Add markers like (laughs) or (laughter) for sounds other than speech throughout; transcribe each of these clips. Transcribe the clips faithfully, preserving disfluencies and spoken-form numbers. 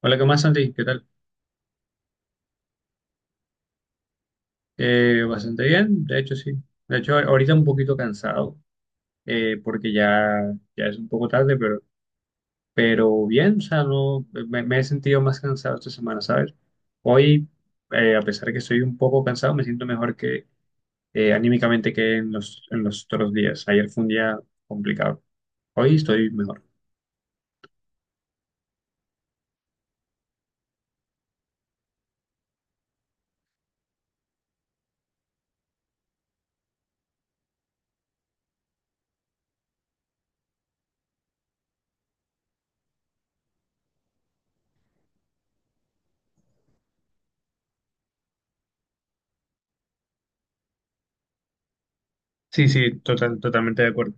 Hola, ¿qué más, Santi? ¿Qué tal? Eh, bastante bien, de hecho, sí. De hecho, ahorita un poquito cansado, eh, porque ya, ya es un poco tarde, pero, pero bien, o sea, no, me, me he sentido más cansado esta semana, ¿sabes? Hoy, eh, a pesar de que estoy un poco cansado, me siento mejor que eh, anímicamente que en los, en los otros días. Ayer fue un día complicado. Hoy estoy mejor. Sí, sí, total, totalmente de acuerdo.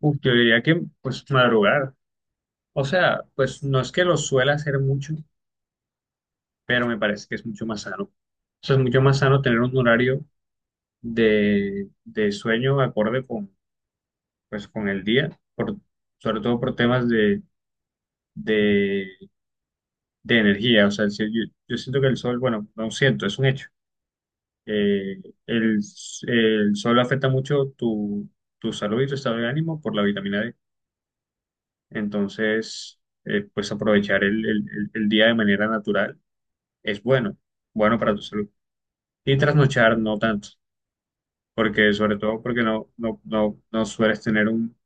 Uf, yo diría que, pues, madrugar. O sea, pues no es que lo suela hacer mucho, pero me parece que es mucho más sano. O sea, es mucho más sano tener un horario de, de sueño acorde con, pues, con el día, por, sobre todo por temas de, de, de energía. O sea, si yo, yo siento que el sol, bueno, no siento, es un hecho. Eh, el, el sol afecta mucho tu, tu salud y tu estado de ánimo por la vitamina D. Entonces, eh, pues aprovechar el, el el- el día de manera natural es bueno, bueno para tu salud. Y trasnochar no tanto, porque sobre todo porque no, no, no, no sueles tener un,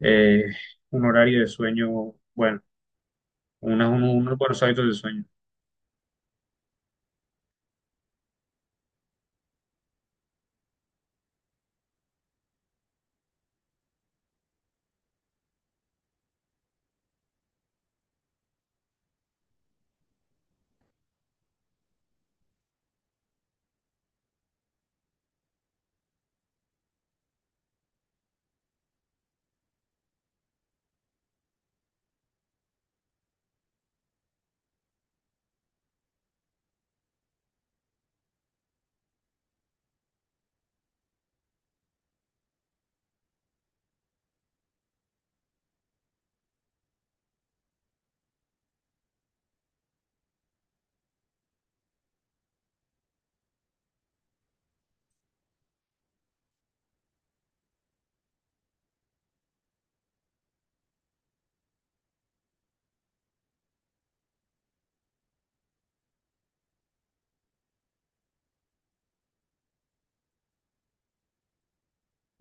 eh, un horario de sueño, bueno, una- un- unos buenos hábitos de sueño.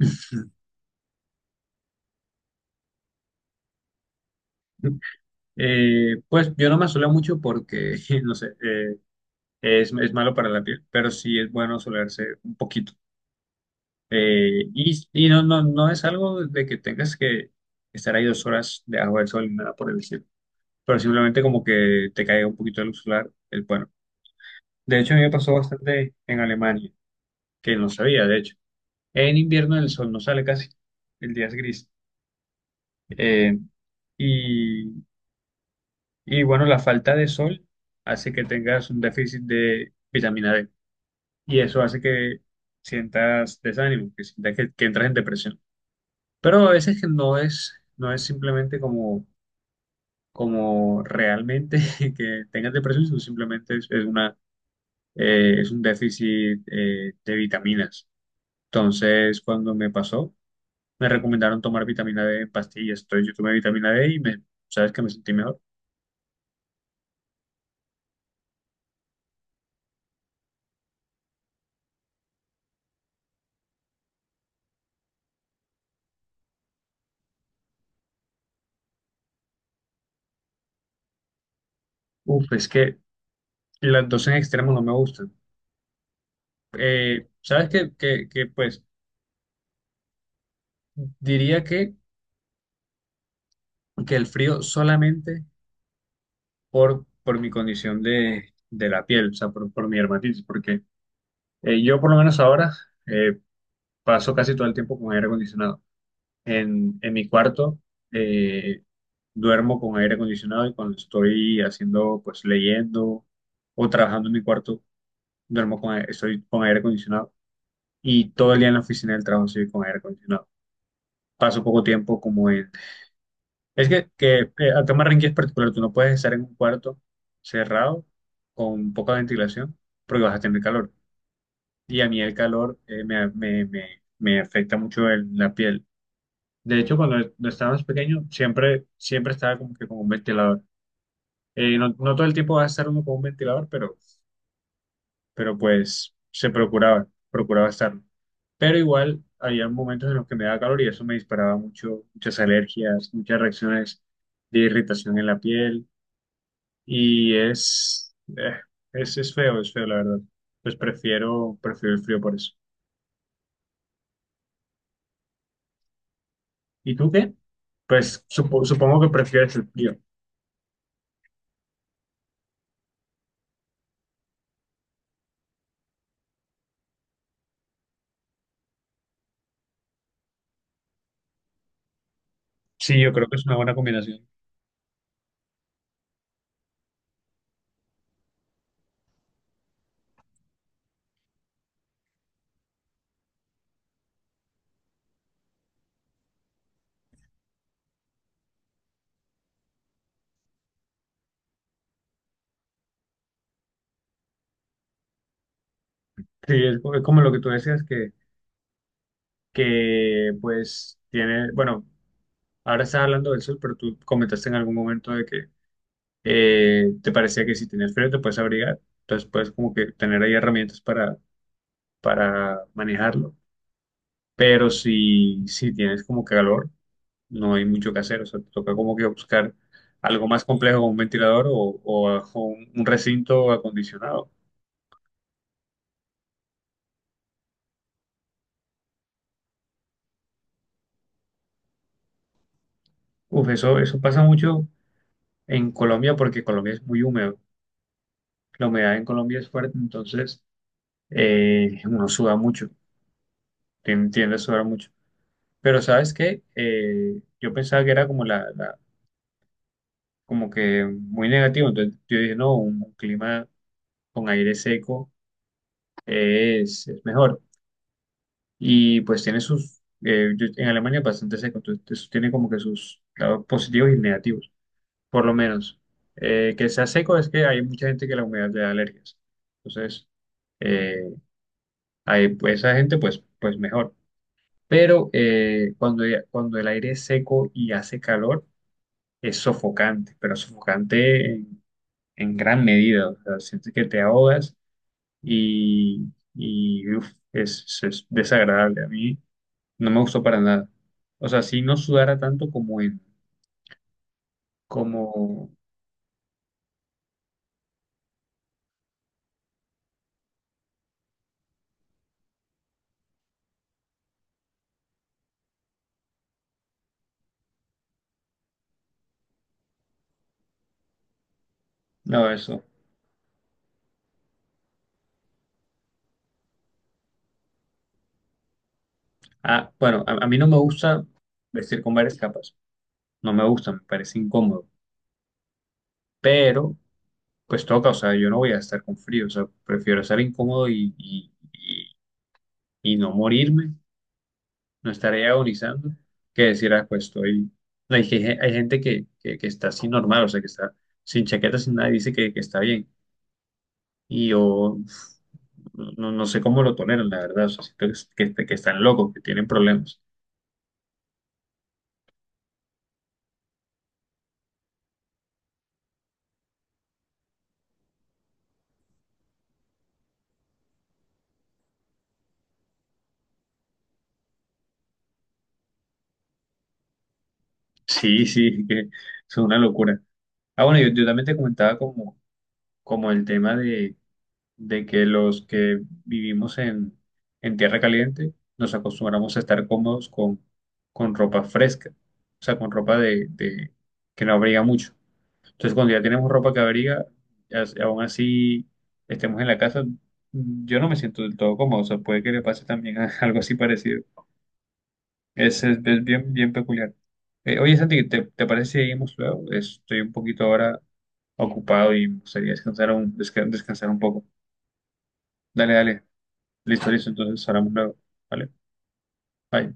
(laughs) Eh, pues yo no me asoleo mucho porque, (laughs) no sé, eh, es, es malo para la piel, pero sí es bueno asolearse un poquito. Eh, y y no, no, no es algo de que tengas que estar ahí dos horas debajo del sol ni nada por el estilo, pero simplemente como que te caiga un poquito de luz solar, es bueno. De hecho, a mí me pasó bastante en Alemania, que no sabía, de hecho. En invierno el sol no sale casi, el día es gris. Eh, y, y bueno, la falta de sol hace que tengas un déficit de vitamina D y eso hace que sientas desánimo, que sientas que, que entras en depresión. Pero a veces que no es, no es simplemente como, como realmente (laughs) que tengas depresión, sino simplemente es, es una, eh, es un déficit eh, de vitaminas. Entonces, cuando me pasó, me recomendaron tomar vitamina D en pastillas, entonces yo tomé vitamina D y me, sabes que me sentí mejor. Uf, es que las dos en extremos no me gustan. Eh, sabes que, que, que, pues diría que, que el frío solamente por, por mi condición de, de la piel, o sea, por, por mi dermatitis, porque eh, yo por lo menos ahora eh, paso casi todo el tiempo con aire acondicionado. En, en mi cuarto eh, duermo con aire acondicionado, y cuando estoy haciendo, pues leyendo o trabajando en mi cuarto duermo con aire, estoy con aire acondicionado, y todo el día en la oficina del trabajo estoy con aire acondicionado. Paso poco tiempo como en... Es que, que eh, acá en Barranquilla es particular, tú no puedes estar en un cuarto cerrado con poca ventilación porque vas a tener calor. Y a mí el calor eh, me, me, me, me afecta mucho en la piel. De hecho, cuando no estaba más pequeño, siempre, siempre estaba como que con un ventilador. Eh, no, no todo el tiempo vas a estar uno con un ventilador, pero pero pues se procuraba, procuraba estarlo. Pero igual había momentos en los que me daba calor y eso me disparaba mucho, muchas alergias, muchas reacciones de irritación en la piel, y es, eh, es, es feo, es feo la verdad. Pues prefiero, prefiero el frío por eso. ¿Y tú qué? Pues supo- supongo que prefieres el frío. Sí, yo creo que es una buena combinación. Sí, es, co- es como lo que tú decías que, que pues tiene, bueno, ahora estás hablando del sol, pero tú comentaste en algún momento de que eh, te parecía que si tienes frío te puedes abrigar, entonces puedes como que tener ahí herramientas para, para manejarlo, pero si, si tienes como que calor, no hay mucho que hacer, o sea, te toca como que buscar algo más complejo como un ventilador o, o a- o un un recinto acondicionado. Uf, eso, eso pasa mucho en Colombia porque Colombia es muy húmedo, la humedad en Colombia es fuerte, entonces eh, uno suda mucho, tien- tiende a sudar mucho. Pero ¿sabes qué? Eh, yo pensaba que era como la, la- como que muy negativo. Entonces yo dije, no, un, clima con aire seco es, es mejor. Y pues tiene sus, eh, yo- en Alemania es bastante seco, entonces eso tiene como que sus lados positivos y negativos, por lo menos. Eh, que sea seco es que hay mucha gente que la humedad le da alergias. Entonces, eh, hay, pues, esa gente pues, pues mejor. Pero eh, cuando, ya- cuando el aire es seco y hace calor, es sofocante, pero sofocante en gran medida. O sea, sientes que te ahogas y, y, uf, es, es desagradable. A mí no me gustó para nada. O sea, si no sudara tanto como en, como, no, eso. Ah, bueno, a, a mí no me gusta vestir con varias capas. No me gusta, me parece incómodo. Pero, pues toca, o sea, yo no voy a estar con frío. O sea, prefiero estar incómodo y, y, y, y no morirme, no estaré agonizando, que decir, ah, pues estoy. No, hay, que- hay gente que, que, que está así normal, o sea, que está sin chaqueta, sin nada, y dice que, que está bien. Y yo uf, no, no sé cómo lo toleran, la verdad, o sea, siento que, que, que están locos, que tienen problemas. (laughs) Sí, sí, que es una locura. Ah, bueno, yo, yo también te comentaba como, como el tema de de que los que vivimos en, en tierra caliente nos acostumbramos a estar cómodos con, con ropa fresca, o sea, con ropa de, de- que no abriga mucho. Entonces, cuando ya tenemos ropa que abriga, as- aún así estemos en la casa, yo no me siento del todo cómodo, o sea, puede que le pase también a- (laughs) algo así parecido. Es, es, es bien, bien peculiar. Eh, oye, Santi, ¿te, te parece si seguimos luego? Estoy un poquito ahora ocupado y me gustaría descansar un, desca- descansar un poco. Dale, dale. Listo, listo, entonces hablamos luego. Vale, bye.